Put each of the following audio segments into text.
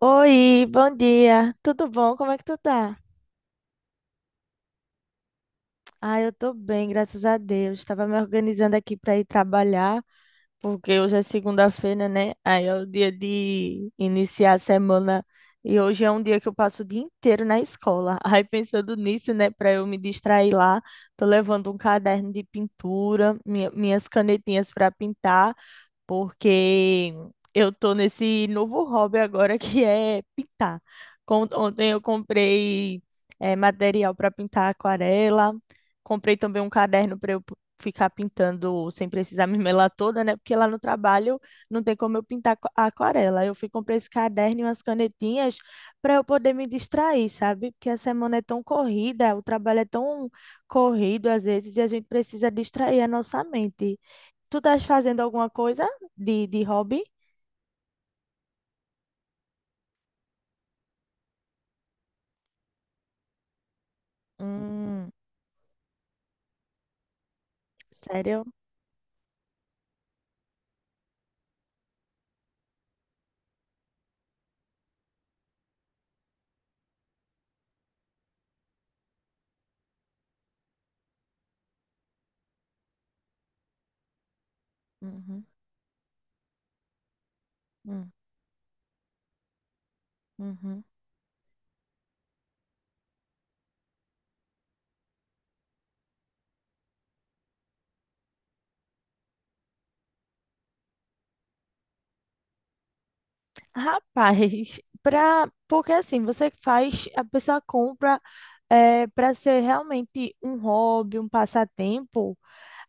Oi, bom dia. Tudo bom? Como é que tu tá? Ah, eu tô bem, graças a Deus. Tava me organizando aqui pra ir trabalhar, porque hoje é segunda-feira, né? Aí é o dia de iniciar a semana e hoje é um dia que eu passo o dia inteiro na escola. Aí pensando nisso, né, pra eu me distrair lá, tô levando um caderno de pintura, minhas canetinhas pra pintar. Porque eu tô nesse novo hobby agora, que é pintar. Ontem eu comprei material para pintar aquarela, comprei também um caderno para eu ficar pintando sem precisar me melar toda, né? Porque lá no trabalho não tem como eu pintar aquarela. Eu fui comprei esse caderno e umas canetinhas para eu poder me distrair, sabe? Porque a semana é tão corrida, o trabalho é tão corrido às vezes e a gente precisa distrair a nossa mente. Tu estás fazendo alguma coisa de hobby? Hum, sério? Uhum, hum, uhum. Rapaz, porque assim, a pessoa compra é, para ser realmente um hobby, um passatempo.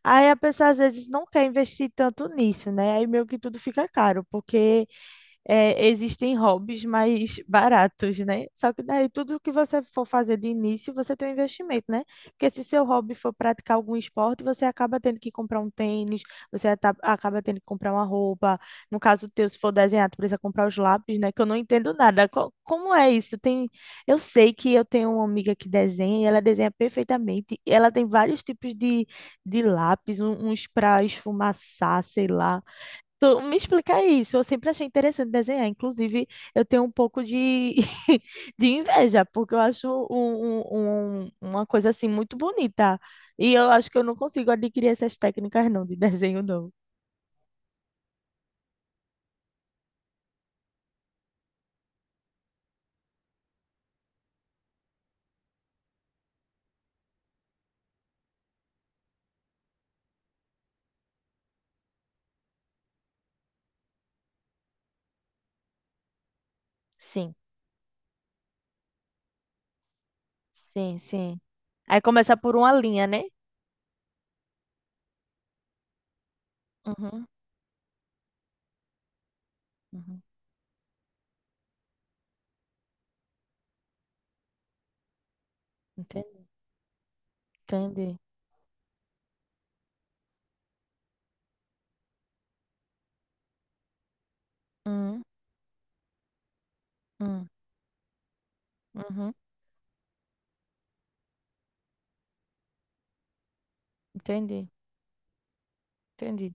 Aí a pessoa às vezes não quer investir tanto nisso, né? Aí meio que tudo fica caro, porque é, existem hobbies mais baratos, né? Só que daí tudo que você for fazer de início, você tem um investimento, né? Porque se seu hobby for praticar algum esporte, você acaba tendo que comprar um tênis, você acaba tendo que comprar uma roupa. No caso teu, se for desenhar, tu precisa comprar os lápis, né? Que eu não entendo nada. Como é isso? Tem. Eu sei que eu tenho uma amiga que desenha e ela desenha perfeitamente. Ela tem vários tipos de lápis, uns para esfumaçar, sei lá. Tu me explica isso. Eu sempre achei interessante desenhar. Inclusive, eu tenho um pouco de inveja, porque eu acho uma coisa assim muito bonita. E eu acho que eu não consigo adquirir essas técnicas não de desenho, não. Sim, sim, sim. Aí começa por uma linha, né? Uhum, uhum. Entendi. Entendi. Uhum, uhum, uhum. Entendi. Entendi.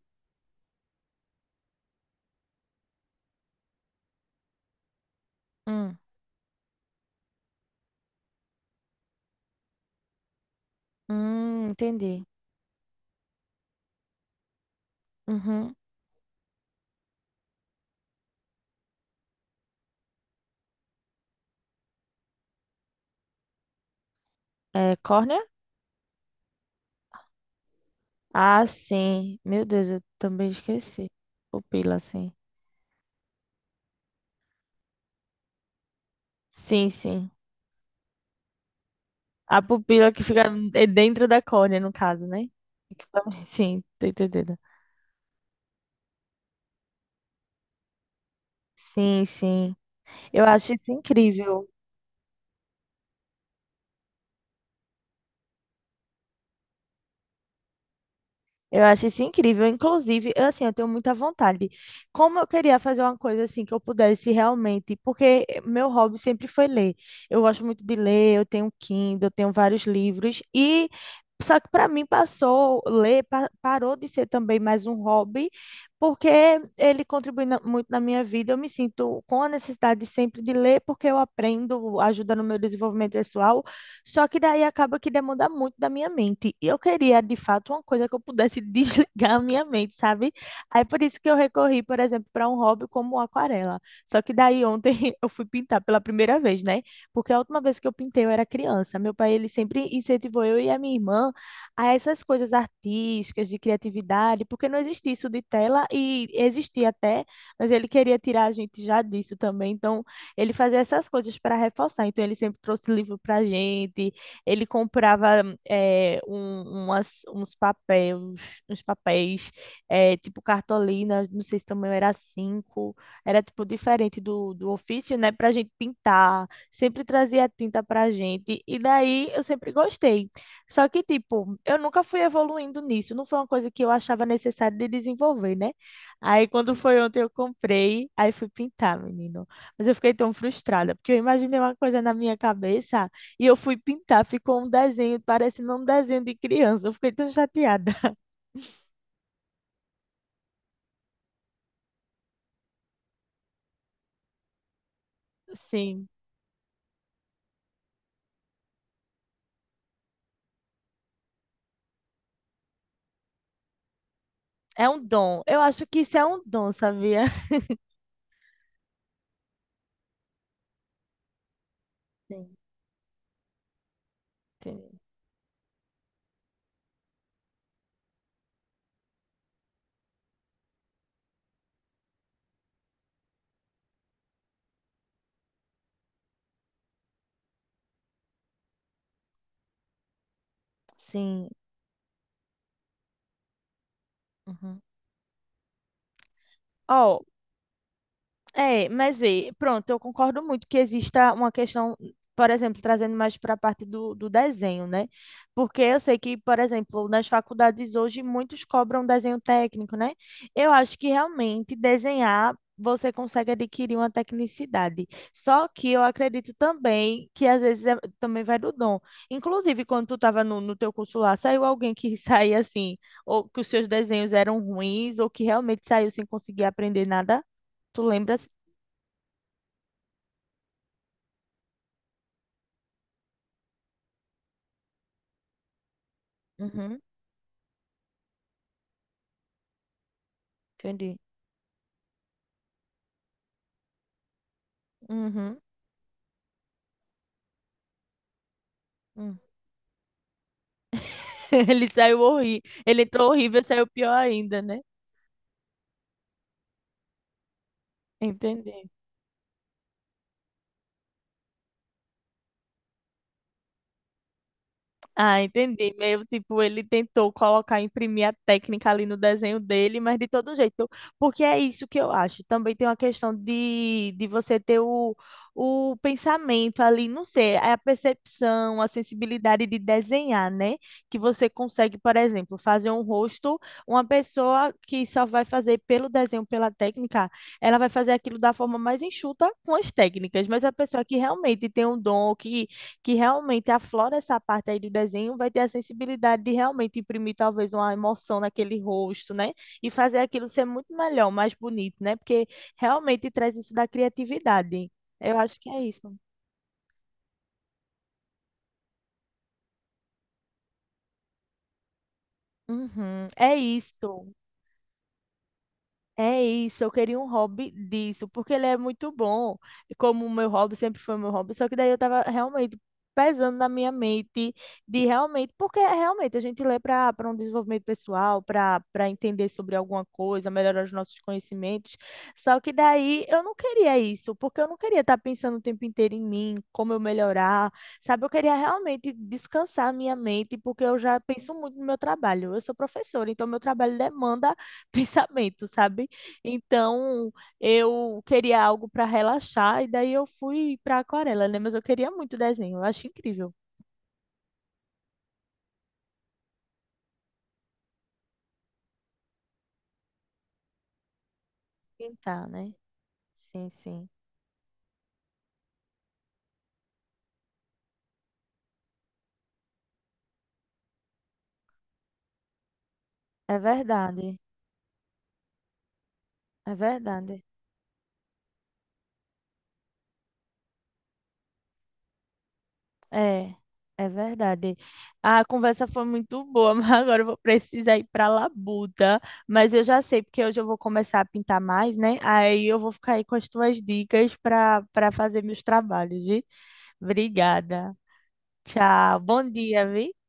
Hum, entendi. Uhum. É, córnea? Ah, sim. Meu Deus, eu também esqueci. Pupila, sim. Sim, sim. A pupila que fica é dentro da córnea, no caso, né? Sim, tô entendendo. Sim, sim. Eu acho isso incrível. Eu acho isso incrível. Inclusive, eu, assim, eu tenho muita vontade. Como eu queria fazer uma coisa assim que eu pudesse realmente, porque meu hobby sempre foi ler. Eu gosto muito de ler, eu tenho um Kindle, eu tenho vários livros e só que para mim passou ler parou de ser também mais um hobby, porque ele contribui muito na minha vida. Eu me sinto com a necessidade sempre de ler porque eu aprendo, ajuda no meu desenvolvimento pessoal. Só que daí acaba que demanda muito da minha mente. E eu queria, de fato, uma coisa que eu pudesse desligar a minha mente, sabe? Aí por isso que eu recorri, por exemplo, para um hobby como aquarela. Só que daí ontem eu fui pintar pela primeira vez, né? Porque a última vez que eu pintei eu era criança. Meu pai, ele sempre incentivou eu e a minha irmã a essas coisas artísticas, de criatividade, porque não existia isso de tela e existia até, mas ele queria tirar a gente já disso também. Então, ele fazia essas coisas para reforçar. Então, ele sempre trouxe livro para a gente, ele comprava eh, um- umas- uns papéis, uns papéis tipo cartolina, não sei se também era cinco, era tipo diferente do ofício, né? Para a gente pintar, sempre trazia tinta para a gente. E daí eu sempre gostei. Só que, tipo, eu nunca fui evoluindo nisso, não foi uma coisa que eu achava necessário de desenvolver, né? Aí, quando foi ontem, eu comprei, aí fui pintar, menino. Mas eu fiquei tão frustrada, porque eu imaginei uma coisa na minha cabeça e eu fui pintar, ficou um desenho parecendo um desenho de criança. Eu fiquei tão chateada. Sim, é um dom. Eu acho que isso é um dom, sabia? Sim, entendi. Sim. Uhum. Ó, é, mas vê, pronto, eu concordo muito que exista uma questão, por exemplo, trazendo mais para a parte do desenho, né? Porque eu sei que, por exemplo, nas faculdades hoje muitos cobram desenho técnico, né? Eu acho que realmente desenhar você consegue adquirir uma tecnicidade. Só que eu acredito também que às vezes também vai do dom. Inclusive, quando tu estava no teu curso lá, saiu alguém que saía assim, ou que os seus desenhos eram ruins, ou que realmente saiu sem conseguir aprender nada? Tu lembra? Uhum, entendi. Uhum, hum. Ele saiu horrível. Ele entrou horrível e saiu pior ainda, né? Entendi. Ah, entendi. Meio tipo, ele tentou colocar, imprimir a técnica ali no desenho dele, mas de todo jeito. Porque é isso que eu acho. Também tem uma questão de você ter o pensamento ali, não sei, é a percepção, a sensibilidade de desenhar, né? Que você consegue, por exemplo, fazer um rosto, uma pessoa que só vai fazer pelo desenho, pela técnica, ela vai fazer aquilo da forma mais enxuta com as técnicas, mas a pessoa que realmente tem um dom, que realmente aflora essa parte aí do desenho, vai ter a sensibilidade de realmente imprimir talvez uma emoção naquele rosto, né? E fazer aquilo ser muito melhor, mais bonito, né? Porque realmente traz isso da criatividade. Eu acho que é isso. Uhum, é isso. É isso, eu queria um hobby disso, porque ele é muito bom, e como o meu hobby sempre foi meu hobby, só que daí eu tava realmente pesando na minha mente de realmente, porque é realmente a gente lê para um desenvolvimento pessoal, para entender sobre alguma coisa, melhorar os nossos conhecimentos. Só que daí eu não queria isso, porque eu não queria estar pensando o tempo inteiro em mim, como eu melhorar, sabe? Eu queria realmente descansar a minha mente, porque eu já penso muito no meu trabalho. Eu sou professora, então meu trabalho demanda pensamento, sabe? Então, eu queria algo para relaxar e daí eu fui para aquarela, né? Mas eu queria muito desenho, eu acho incrível pintar, né? Sim, sim. É verdade. É verdade. É, é verdade. A conversa foi muito boa, mas agora eu vou precisar ir para labuta, mas eu já sei porque hoje eu vou começar a pintar mais, né? Aí eu vou ficar aí com as tuas dicas para fazer meus trabalhos, viu? Obrigada. Tchau. Bom dia, viu?